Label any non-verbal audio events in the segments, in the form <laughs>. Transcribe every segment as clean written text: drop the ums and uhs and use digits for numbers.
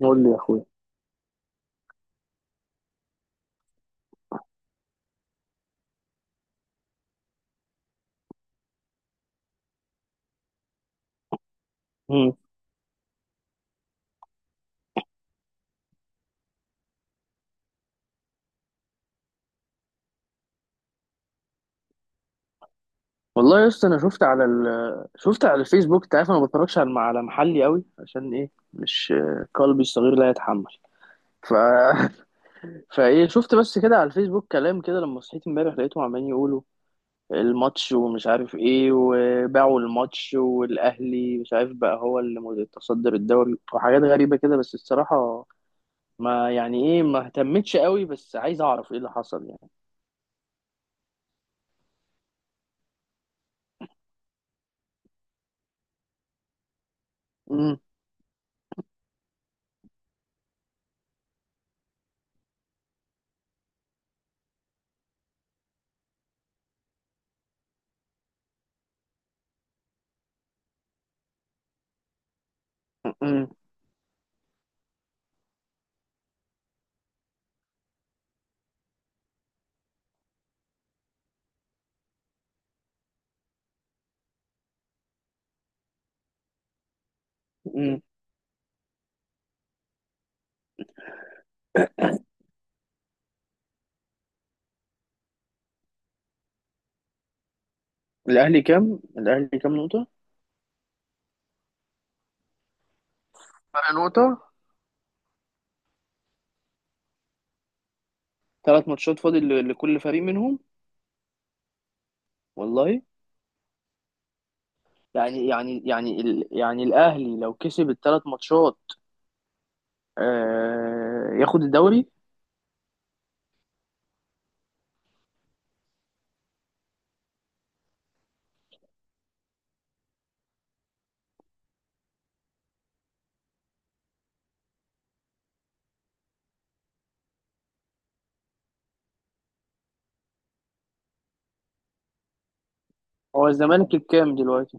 قول لي يا اخويا. مم. والله يا اسطى، انا شفت على ال... شفت على الفيسبوك. انت عارف انا ما بتفرجش على محلي قوي عشان ايه؟ مش قلبي الصغير لا يتحمل. ف... <laughs> فايه، شفت بس كده على الفيسبوك كلام كده. لما صحيت امبارح لقيتهم عمالين يقولوا الماتش ومش عارف ايه، وباعوا الماتش، والاهلي مش عارف بقى هو اللي متصدر الدوري، وحاجات غريبة كده. بس الصراحة ما يعني ايه، ما اهتمتش قوي، بس عايز اعرف ايه اللي حصل يعني. مم. مم. مم. الاهلي كام نقطة؟ فرق نقطة. 3 ماتشات فاضل لكل فريق منهم. والله، يعني الأهلي لو كسب الـ3 ماتشات ياخد الدوري. هو الزمالك الكام دلوقتي؟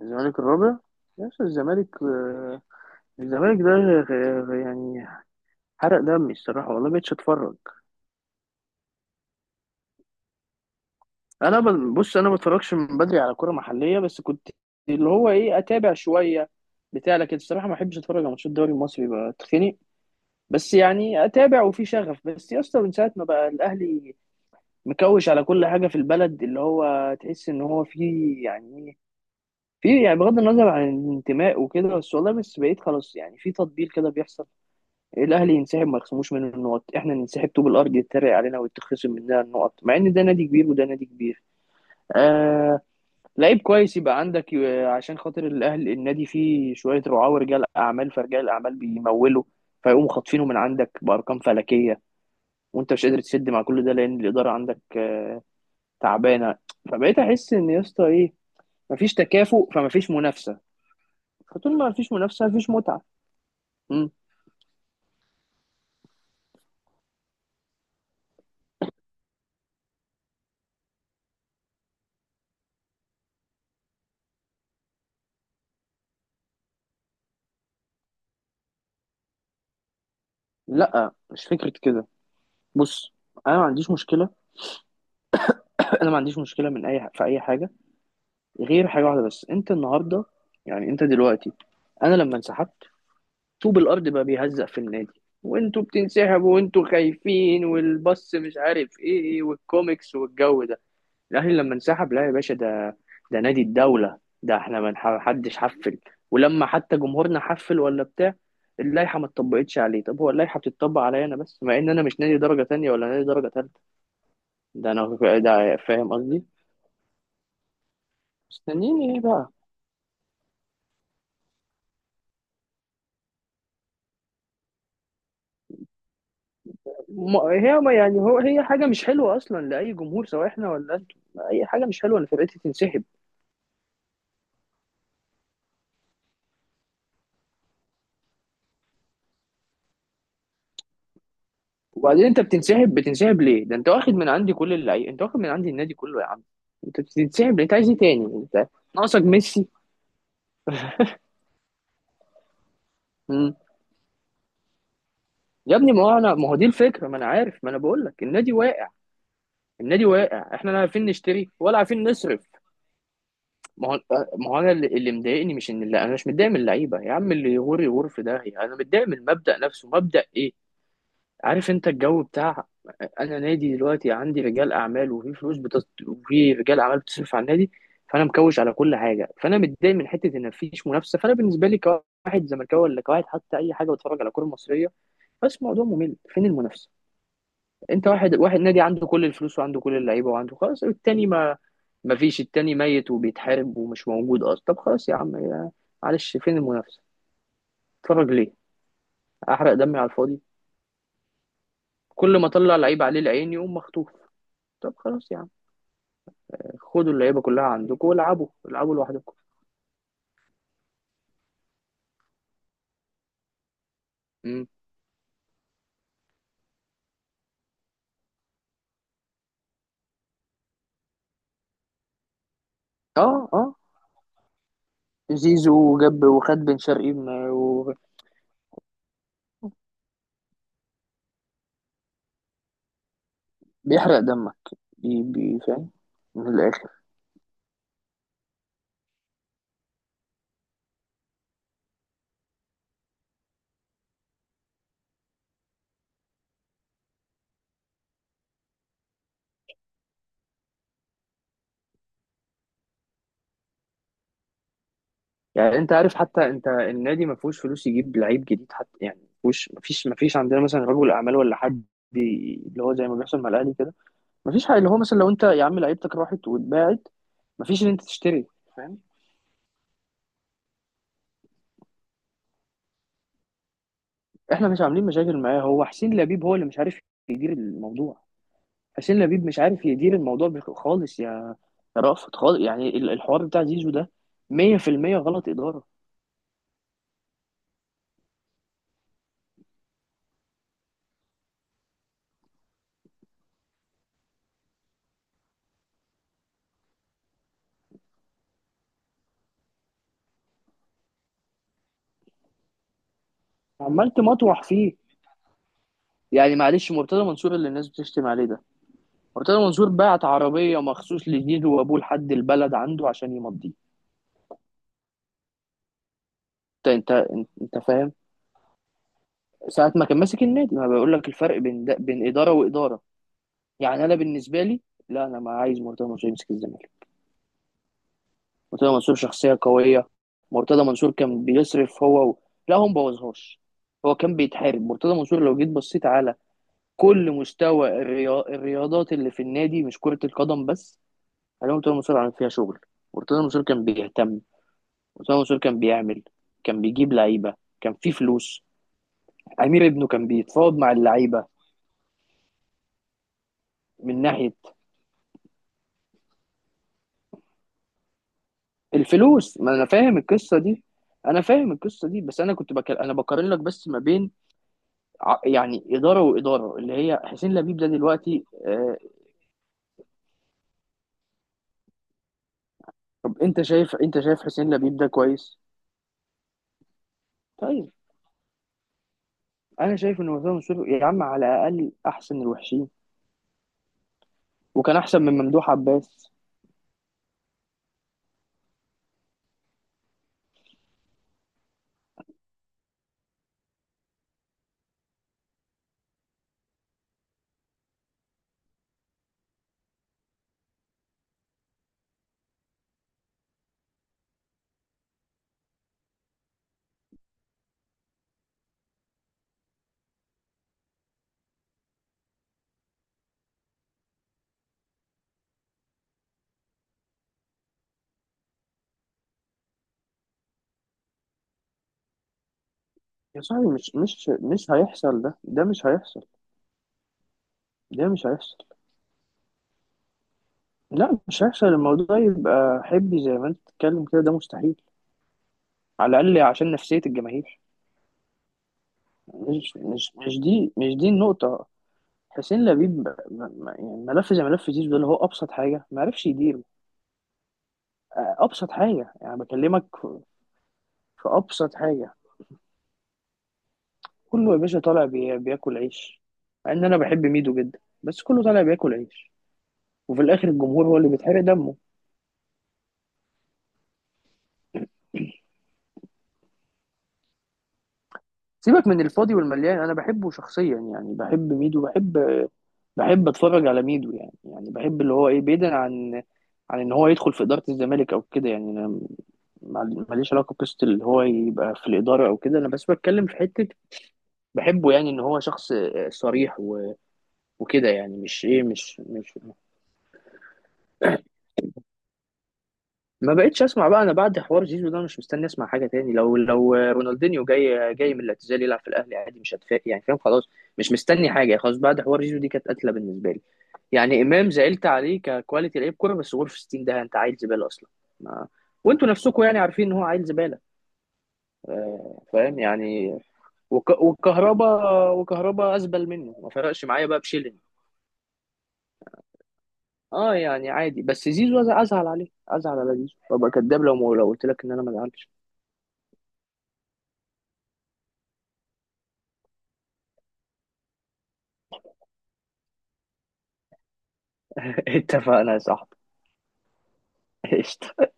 الزمالك الرابع؟ يا أسطى الزمالك، الزمالك ده يعني حرق دمي الصراحة، والله مبقتش أتفرج. أنا ب... بص، أنا ما بتفرجش من بدري على كرة محلية، بس كنت اللي هو إيه أتابع شوية بتاع. لكن الصراحة ما بحبش أتفرج على ماتشات الدوري المصري، بتخنق. بس يعني اتابع وفي شغف. بس يا اسطى من ساعه ما بقى الاهلي مكوش على كل حاجه في البلد، اللي هو تحس ان هو في يعني، بغض النظر عن الانتماء وكده، بس والله بس بقيت خلاص يعني في تطبيل كده بيحصل. الاهلي ينسحب ما يخصموش منه النقط، احنا ننسحب طوب الارض يتريق علينا ويتخصم مننا النقط، مع ان ده نادي كبير وده نادي كبير. آه لعيب كويس يبقى عندك عشان خاطر الاهلي، النادي فيه شويه رعاه ورجال اعمال، فرجال اعمال بيمولوا فيقوموا خاطفينه من عندك بارقام فلكيه، وانت مش قادر تسد، مع كل ده لان الاداره عندك تعبانه. فبقيت احس ان، يا اسطى، ايه، مفيش تكافؤ فمفيش منافسه. فطول ما مفيش منافسه مفيش متعه. مم. لا مش فكره كده. بص، انا ما عنديش مشكله. <laughs> انا ما عنديش مشكله من اي في اي حاجه، غير حاجه واحده بس. انت النهارده، يعني انت دلوقتي، انا لما انسحبت طوب الارض بقى بيهزق في النادي، وانتوا بتنسحبوا وانتوا خايفين والبص مش عارف ايه والكوميكس والجو ده. الاهلي لما انسحب، لا يا باشا، ده نادي الدوله، ده احنا ما نح- حدش حفل، ولما حتى جمهورنا حفل ولا بتاع. اللائحه ما اتطبقتش عليه، طب هو اللائحه بتتطبق عليا انا بس، مع ان انا مش نادي درجه تانية ولا نادي درجه تالتة. ده انا ده فاهم قصدي. مستنيين ايه بقى؟ ما هي، ما يعني، هو هي حاجه مش حلوه اصلا لاي جمهور، سواء احنا ولا انتوا. اي حاجه مش حلوه ان فرقتي تنسحب. وبعدين انت بتنسحب، ليه؟ ده انت واخد من عندي كل اللعيبه، انت واخد من عندي النادي كله يا عم. انت بتنسحب ليه؟ انت عايز ايه تاني انت؟ ناقصك ميسي. مم. يا ابني ما هو انا، ما هو دي الفكره. ما انا عارف، ما انا بقول لك النادي واقع. النادي واقع، احنا لا عارفين نشتري ولا عارفين نصرف. ما هو، ما هو، انا اللي مضايقني مش ان، لا انا مش متضايق من اللعيبه، يا عم اللي يغور يغور في داهيه. انا متضايق من المبدا نفسه. مبدا ايه؟ عارف انت الجو بتاع، انا نادي دلوقتي عندي رجال اعمال وفي فلوس وفي رجال اعمال بتصرف على النادي. فانا مكوش على كل حاجه، فانا متضايق من حته ان مفيش منافسه. فانا بالنسبه لي كواحد زملكاوي ولا كواحد حتى اي حاجه بتفرج على الكوره المصريه، بس الموضوع ممل. فين المنافسه؟ انت واحد، نادي عنده كل الفلوس وعنده كل اللعيبه وعنده خلاص، التاني ما فيش، التاني ميت وبيتحارب ومش موجود اصلا. طب خلاص يا عم، معلش، فين المنافسه؟ اتفرج ليه؟ احرق دمي على الفاضي، كل ما اطلع لعيب عليه العين يقوم مخطوف. طب خلاص يا عم، خدوا اللعيبه كلها عندكم والعبوا لوحدكم. امم. اه اه. زيزو جاب وخد بن شرقي وبيحرق دمك. بي فاهم، من الاخر. يعني انت عارف، حتى انت النادي ما فيهوش فلوس يجيب لعيب جديد حتى، يعني ما فيش عندنا مثلا رجل اعمال ولا حد، اللي هو زي ما بيحصل مع الاهلي كده. ما فيش حاجه، اللي هو مثلا لو انت يا عم لعيبتك راحت واتباعت ما فيش ان انت تشتري، فاهم؟ احنا مش عاملين مشاكل معاه، هو حسين لبيب هو اللي مش عارف يدير الموضوع. حسين لبيب مش عارف يدير الموضوع خالص، يا رأفت، خالص. يعني الحوار بتاع زيزو ده 100% غلط اداره. عمال تمطوح فيه. يعني معلش، مرتضى منصور اللي الناس بتشتم عليه ده، مرتضى منصور بعت عربية مخصوص لزيزو وأبوه لحد البلد عنده عشان يمضيه. انت انت انت فاهم، ساعة ما كان ماسك النادي، ما بقول لك الفرق بين ده، بين إدارة وإدارة. يعني أنا بالنسبة لي، لا، أنا ما عايز مرتضى منصور يمسك الزمالك، مرتضى منصور شخصية قوية. مرتضى منصور كان بيصرف، هو لا هو مبوظهاش، هو كان بيتحارب. مرتضى منصور لو جيت بصيت على كل مستوى الرياضات اللي في النادي، مش كرة القدم بس، هلاقي مرتضى منصور عامل فيها شغل. مرتضى منصور كان بيهتم، أسامة منصور كان بيعمل، كان بيجيب لعيبة، كان في فلوس، أمير ابنه كان بيتفاوض مع اللعيبة من ناحية الفلوس. ما أنا فاهم القصة دي، أنا فاهم القصة دي، بس أنا كنت أنا بقارن لك بس ما بين، يعني إدارة وإدارة، اللي هي حسين لبيب ده دلوقتي. طب أنت شايف، حسين لبيب ده كويس؟ طيب، أنا شايف إن أسامة منصور يا عم على الأقل أحسن الوحشين، وكان أحسن من ممدوح عباس. يا صاحبي مش هيحصل، ده مش هيحصل، ده مش هيحصل، لا مش هيحصل. الموضوع يبقى حبي زي ما انت بتتكلم كده، ده مستحيل، على الاقل عشان نفسيه الجماهير. مش دي النقطه. حسين لبيب يعني ملف زي ملف زيزو ده، اللي هو ابسط حاجه ما عرفش يدير. ابسط حاجه يعني، بكلمك في ابسط حاجه. كله يا باشا طالع بياكل عيش، مع ان انا بحب ميدو جدا، بس كله طالع بياكل عيش، وفي الاخر الجمهور هو اللي بيتحرق دمه. سيبك من الفاضي والمليان، انا بحبه شخصيا، يعني بحب ميدو، بحب اتفرج على ميدو، يعني بحب اللي هو ايه، بعيدا عن ان هو يدخل في اداره الزمالك او كده. يعني انا ماليش علاقه بقصه اللي هو يبقى في الاداره او كده، انا بس بتكلم في حته بحبه، يعني ان هو شخص صريح وكده، يعني مش ايه، مش. ما بقتش اسمع بقى انا بعد حوار زيزو ده، مش مستني اسمع حاجه تاني. لو رونالدينيو جاي من الاعتزال يلعب في الاهلي عادي، مش هتفاجئ يعني، فاهم؟ خلاص، مش مستني حاجه. خلاص، بعد حوار زيزو دي كانت قتله بالنسبه لي. يعني امام زعلت عليه ككواليتي لعيب كوره، بس غور في 60، ده انت عيل زباله اصلا. ما... وانتوا نفسكم يعني عارفين ان هو عيل زباله. فاهم يعني. وكهربا، ازبل منه، ما فرقش معايا بقى بشيلين. اه يعني عادي، بس زيزو ازعل عليه، ازعل على زيزو. ابقى كداب لو قلت لك ان انا ما ازعلش. اتفقنا يا صاحبي. <laughs> قشطة.